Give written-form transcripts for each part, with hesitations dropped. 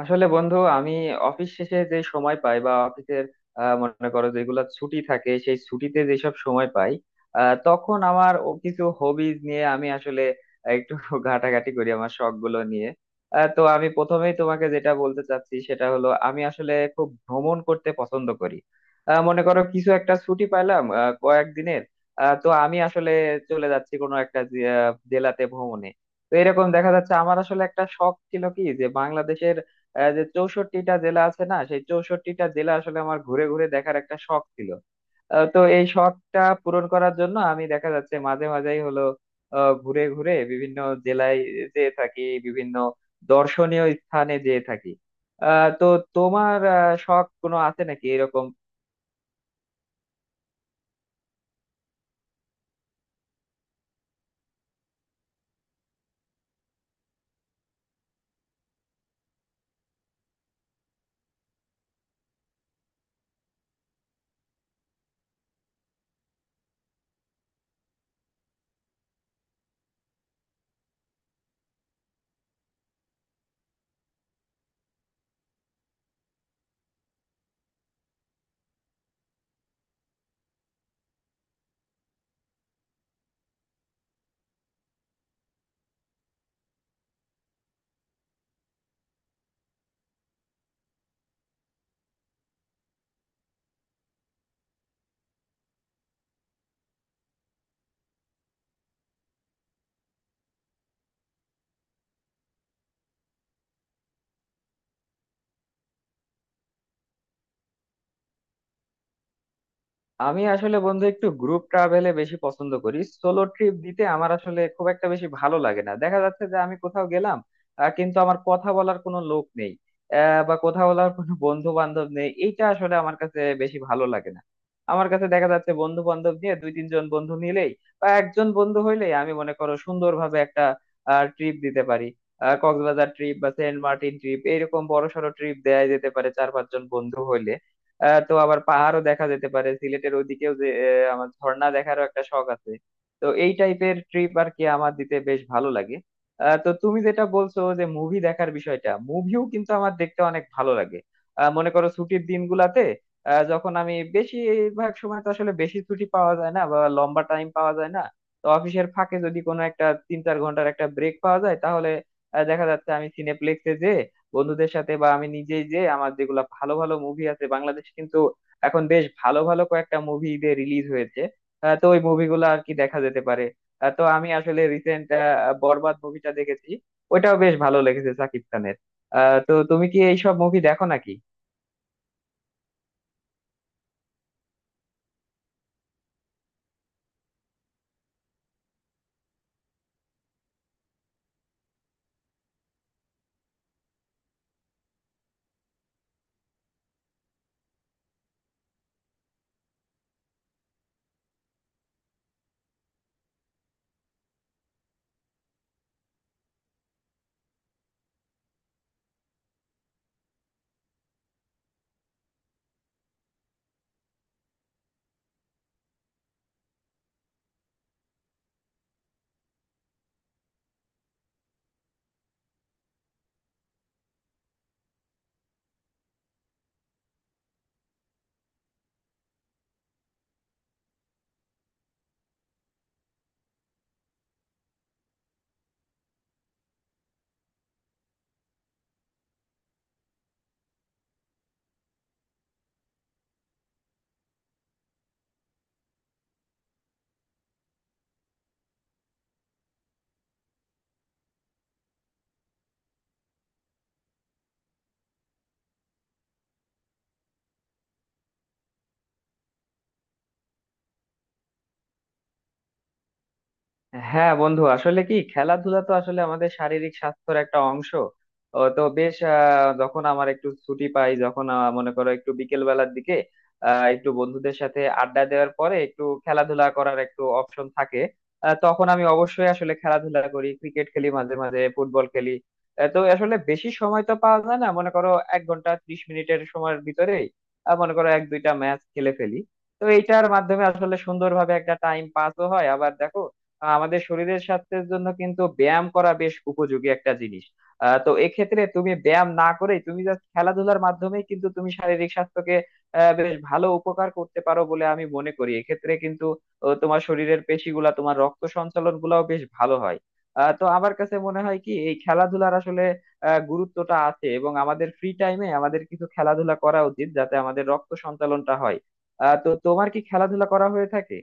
আসলে বন্ধু আমি অফিস শেষে যে সময় পাই বা অফিসের মনে করো যেগুলো ছুটি থাকে সেই ছুটিতে যেসব সময় পাই, তখন আমার ও কিছু হবিজ নিয়ে আমি আসলে একটু ঘাটাঘাটি করি আমার শখ গুলো নিয়ে। তো আমি প্রথমেই তোমাকে যেটা বলতে চাচ্ছি সেটা হলো আমি আসলে খুব ভ্রমণ করতে পছন্দ করি। মনে করো কিছু একটা ছুটি পাইলাম কয়েকদিনের। তো আমি আসলে চলে যাচ্ছি কোনো একটা জেলাতে ভ্রমণে। তো এরকম দেখা যাচ্ছে আমার আসলে একটা শখ ছিল কি, যে যে 64টা জেলা আছে না, সেই 64টা জেলা আসলে আমার ঘুরে ঘুরে দেখার একটা শখ ছিল। তো এই শখটা পূরণ করার জন্য আমি দেখা যাচ্ছে মাঝে মাঝেই হলো ঘুরে ঘুরে বিভিন্ন জেলায় যেয়ে থাকি, বিভিন্ন দর্শনীয় স্থানে যেয়ে থাকি। তো তোমার শখ কোনো আছে নাকি এরকম? আমি আসলে বন্ধু একটু গ্রুপ ট্রাভেলে বেশি পছন্দ করি, সোলো ট্রিপ দিতে আমার আসলে খুব একটা বেশি ভালো লাগে না। দেখা যাচ্ছে যে আমি কোথাও গেলাম, কিন্তু আমার কথা বলার কোনো লোক নেই, বা কথা বলার কোনো বন্ধু বান্ধব নেই, এইটা আসলে আমার কাছে বেশি ভালো লাগে না। আমার কাছে দেখা যাচ্ছে বন্ধু বান্ধব নিয়ে দুই তিনজন বন্ধু নিলেই বা একজন বন্ধু হইলেই আমি মনে করো সুন্দরভাবে একটা ট্রিপ দিতে পারি। কক্সবাজার ট্রিপ বা সেন্ট মার্টিন ট্রিপ এরকম বড় সড়ো ট্রিপ দেয়া যেতে পারে চার পাঁচজন বন্ধু হইলে। তো আবার পাহাড়ও দেখা যেতে পারে সিলেটের ওইদিকেও, যে আমার ঝর্ণা দেখারও একটা শখ আছে। তো এই টাইপের ট্রিপ আর কি আমার দিতে বেশ ভালো লাগে। তো তুমি যেটা বলছো যে মুভি দেখার বিষয়টা, মুভিও কিন্তু আমার দেখতে অনেক ভালো লাগে। মনে করো ছুটির দিনগুলাতে যখন আমি, বেশিরভাগ সময় তো আসলে বেশি ছুটি পাওয়া যায় না বা লম্বা টাইম পাওয়া যায় না। তো অফিসের ফাঁকে যদি কোনো একটা 3-4 ঘন্টার একটা ব্রেক পাওয়া যায় তাহলে দেখা যাচ্ছে আমি সিনেপ্লেক্সে বন্ধুদের সাথে বা আমি নিজেই, যে আমার যেগুলা ভালো ভালো মুভি আছে, বাংলাদেশ কিন্তু এখন বেশ ভালো ভালো কয়েকটা মুভি ঈদে রিলিজ হয়েছে। তো ওই মুভিগুলো আর কি দেখা যেতে পারে। তো আমি আসলে রিসেন্ট বরবাদ মুভিটা দেখেছি, ওইটাও বেশ ভালো লেগেছে, সাকিব খানের। তো তুমি কি এইসব মুভি দেখো নাকি? হ্যাঁ বন্ধু, আসলে কি, খেলাধুলা তো আসলে আমাদের শারীরিক স্বাস্থ্যের একটা অংশ, ও তো বেশ। যখন আমার একটু ছুটি পাই, যখন মনে করো একটু বিকেল বেলার দিকে একটু বন্ধুদের সাথে আড্ডা দেওয়ার পরে একটু খেলাধুলা করার একটু অপশন থাকে, তখন আমি অবশ্যই আসলে খেলাধুলা করি, ক্রিকেট খেলি, মাঝে মাঝে ফুটবল খেলি। তো আসলে বেশি সময় তো পাওয়া যায় না, মনে করো 1 ঘন্টা 30 মিনিটের সময়ের ভিতরেই মনে করো এক দুইটা ম্যাচ খেলে ফেলি। তো এইটার মাধ্যমে আসলে সুন্দরভাবে একটা টাইম পাসও হয়। আবার দেখো, আমাদের শরীরের স্বাস্থ্যের জন্য কিন্তু ব্যায়াম করা বেশ উপযোগী একটা জিনিস। তো এক্ষেত্রে তুমি ব্যায়াম না করে, তুমি জাস্ট খেলাধুলার মাধ্যমেই কিন্তু তুমি শারীরিক স্বাস্থ্যকে বেশ ভালো উপকার করতে পারো বলে আমি মনে করি। এক্ষেত্রে কিন্তু তোমার শরীরের পেশিগুলা, তোমার রক্ত সঞ্চালন গুলাও বেশ ভালো হয়। তো আমার কাছে মনে হয় কি এই খেলাধুলার আসলে গুরুত্বটা আছে, এবং আমাদের ফ্রি টাইমে আমাদের কিছু খেলাধুলা করা উচিত, যাতে আমাদের রক্ত সঞ্চালনটা হয়। তো তোমার কি খেলাধুলা করা হয়ে থাকে?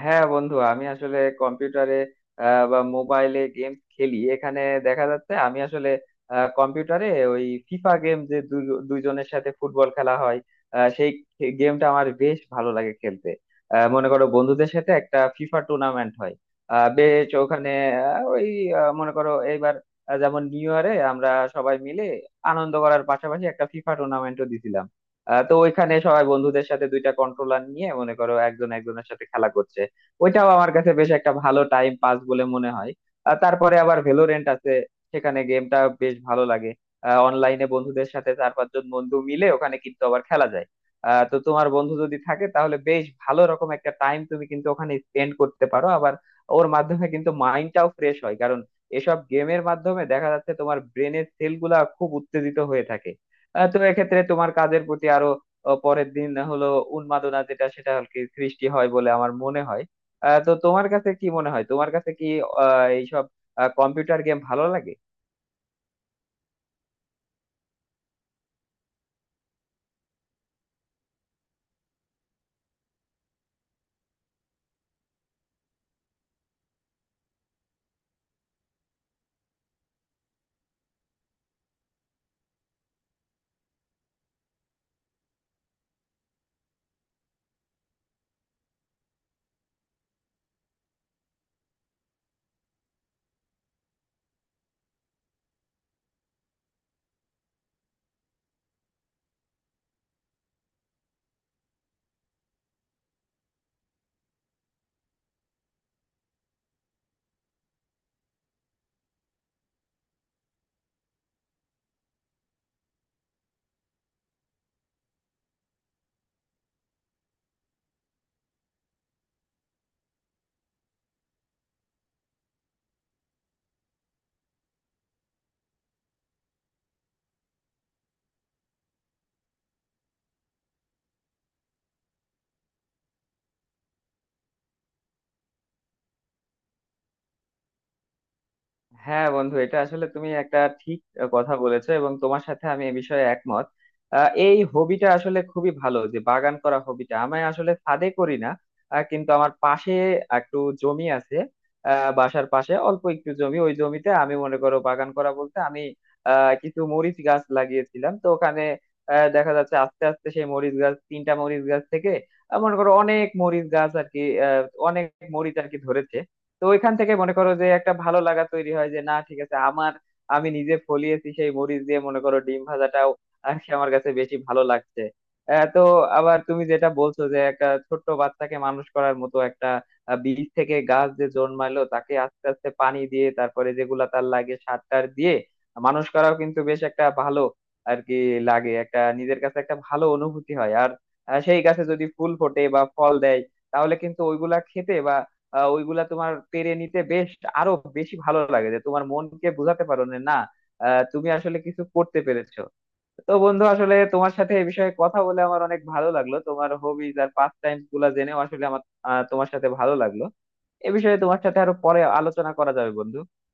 হ্যাঁ বন্ধু, আমি আসলে কম্পিউটারে বা মোবাইলে গেমস খেলি। এখানে দেখা যাচ্ছে আমি আসলে কম্পিউটারে ওই ফিফা গেম, যে দুইজনের সাথে ফুটবল খেলা হয়, সেই গেমটা আমার বেশ ভালো লাগে খেলতে। মনে করো বন্ধুদের সাথে একটা ফিফা টুর্নামেন্ট হয়, বেশ ওখানে আহ, ওই মনে করো এইবার যেমন নিউ ইয়ারে আমরা সবাই মিলে আনন্দ করার পাশাপাশি একটা ফিফা টুর্নামেন্টও দিছিলাম। তো ওইখানে সবাই বন্ধুদের সাথে দুইটা কন্ট্রোলার নিয়ে মনে করো একজন একজনের সাথে খেলা করছে। ওইটাও আমার কাছে বেশ একটা ভালো টাইম পাস বলে মনে হয়। আর তারপরে আবার ভেলোরেন্ট আছে, সেখানে গেমটা বেশ ভালো লাগে। অনলাইনে বন্ধুদের সাথে চার পাঁচজন বন্ধু মিলে ওখানে কিন্তু আবার খেলা যায়। তো তোমার বন্ধু যদি থাকে তাহলে বেশ ভালো রকম একটা টাইম তুমি কিন্তু ওখানে স্পেন্ড করতে পারো। আবার ওর মাধ্যমে কিন্তু মাইন্ডটাও ফ্রেশ হয়, কারণ এসব গেমের মাধ্যমে দেখা যাচ্ছে তোমার ব্রেনের সেলগুলা খুব উত্তেজিত হয়ে থাকে। তো এক্ষেত্রে তোমার কাজের প্রতি আরো, পরের দিন হলো, উন্মাদনা যেটা, সেটা আর কি সৃষ্টি হয় বলে আমার মনে হয়। তো তোমার কাছে কি মনে হয়, তোমার কাছে কি এইসব কম্পিউটার গেম ভালো লাগে? হ্যাঁ বন্ধু, এটা আসলে তুমি একটা ঠিক কথা বলেছো, এবং তোমার সাথে আমি এ বিষয়ে একমত। এই হবিটা আসলে খুবই ভালো, যে বাগান করা হবিটা, আমি আসলে ছাদে করি না, কিন্তু আমার পাশে একটু জমি আছে। বাসার পাশে অল্প একটু জমি, ওই জমিতে আমি মনে করো বাগান করা বলতে আমি কিছু মরিচ গাছ লাগিয়েছিলাম, তো ওখানে দেখা যাচ্ছে আস্তে আস্তে সেই মরিচ গাছ, তিনটা মরিচ গাছ থেকে মনে করো অনেক মরিচ গাছ আর কি, আহ, অনেক মরিচ আর কি ধরেছে। তো ওইখান থেকে মনে করো যে একটা ভালো লাগা তৈরি হয়, যে না ঠিক আছে, আমার, আমি নিজে ফলিয়েছি সেই মরিচ দিয়ে মনে করো ডিম ভাজাটাও আর কি আমার কাছে বেশি ভালো লাগছে। তো আবার তুমি যেটা বলছো যে একটা ছোট্ট বাচ্চাকে মানুষ করার মতো একটা বীজ থেকে গাছ যে জন্মালো, তাকে আস্তে আস্তে পানি দিয়ে, তারপরে যেগুলা তার লাগে সার টার দিয়ে মানুষ করাও কিন্তু বেশ একটা ভালো আর কি লাগে, একটা নিজের কাছে একটা ভালো অনুভূতি হয়। আর সেই গাছে যদি ফুল ফোটে বা ফল দেয়, তাহলে কিন্তু ওইগুলা খেতে বা ওইগুলা তোমার পেরে নিতে বেশ আরো বেশি ভালো লাগে, যে তোমার মনকে বোঝাতে পারো যে না, তুমি আসলে কিছু করতে পেরেছো। তো বন্ধু আসলে তোমার সাথে এই বিষয়ে কথা বলে আমার অনেক ভালো লাগলো, তোমার হবিজ আর পাস টাইম গুলা জেনেও আসলে আমার তোমার সাথে ভালো লাগলো। এ বিষয়ে তোমার সাথে আরো পরে আলোচনা করা যাবে বন্ধু।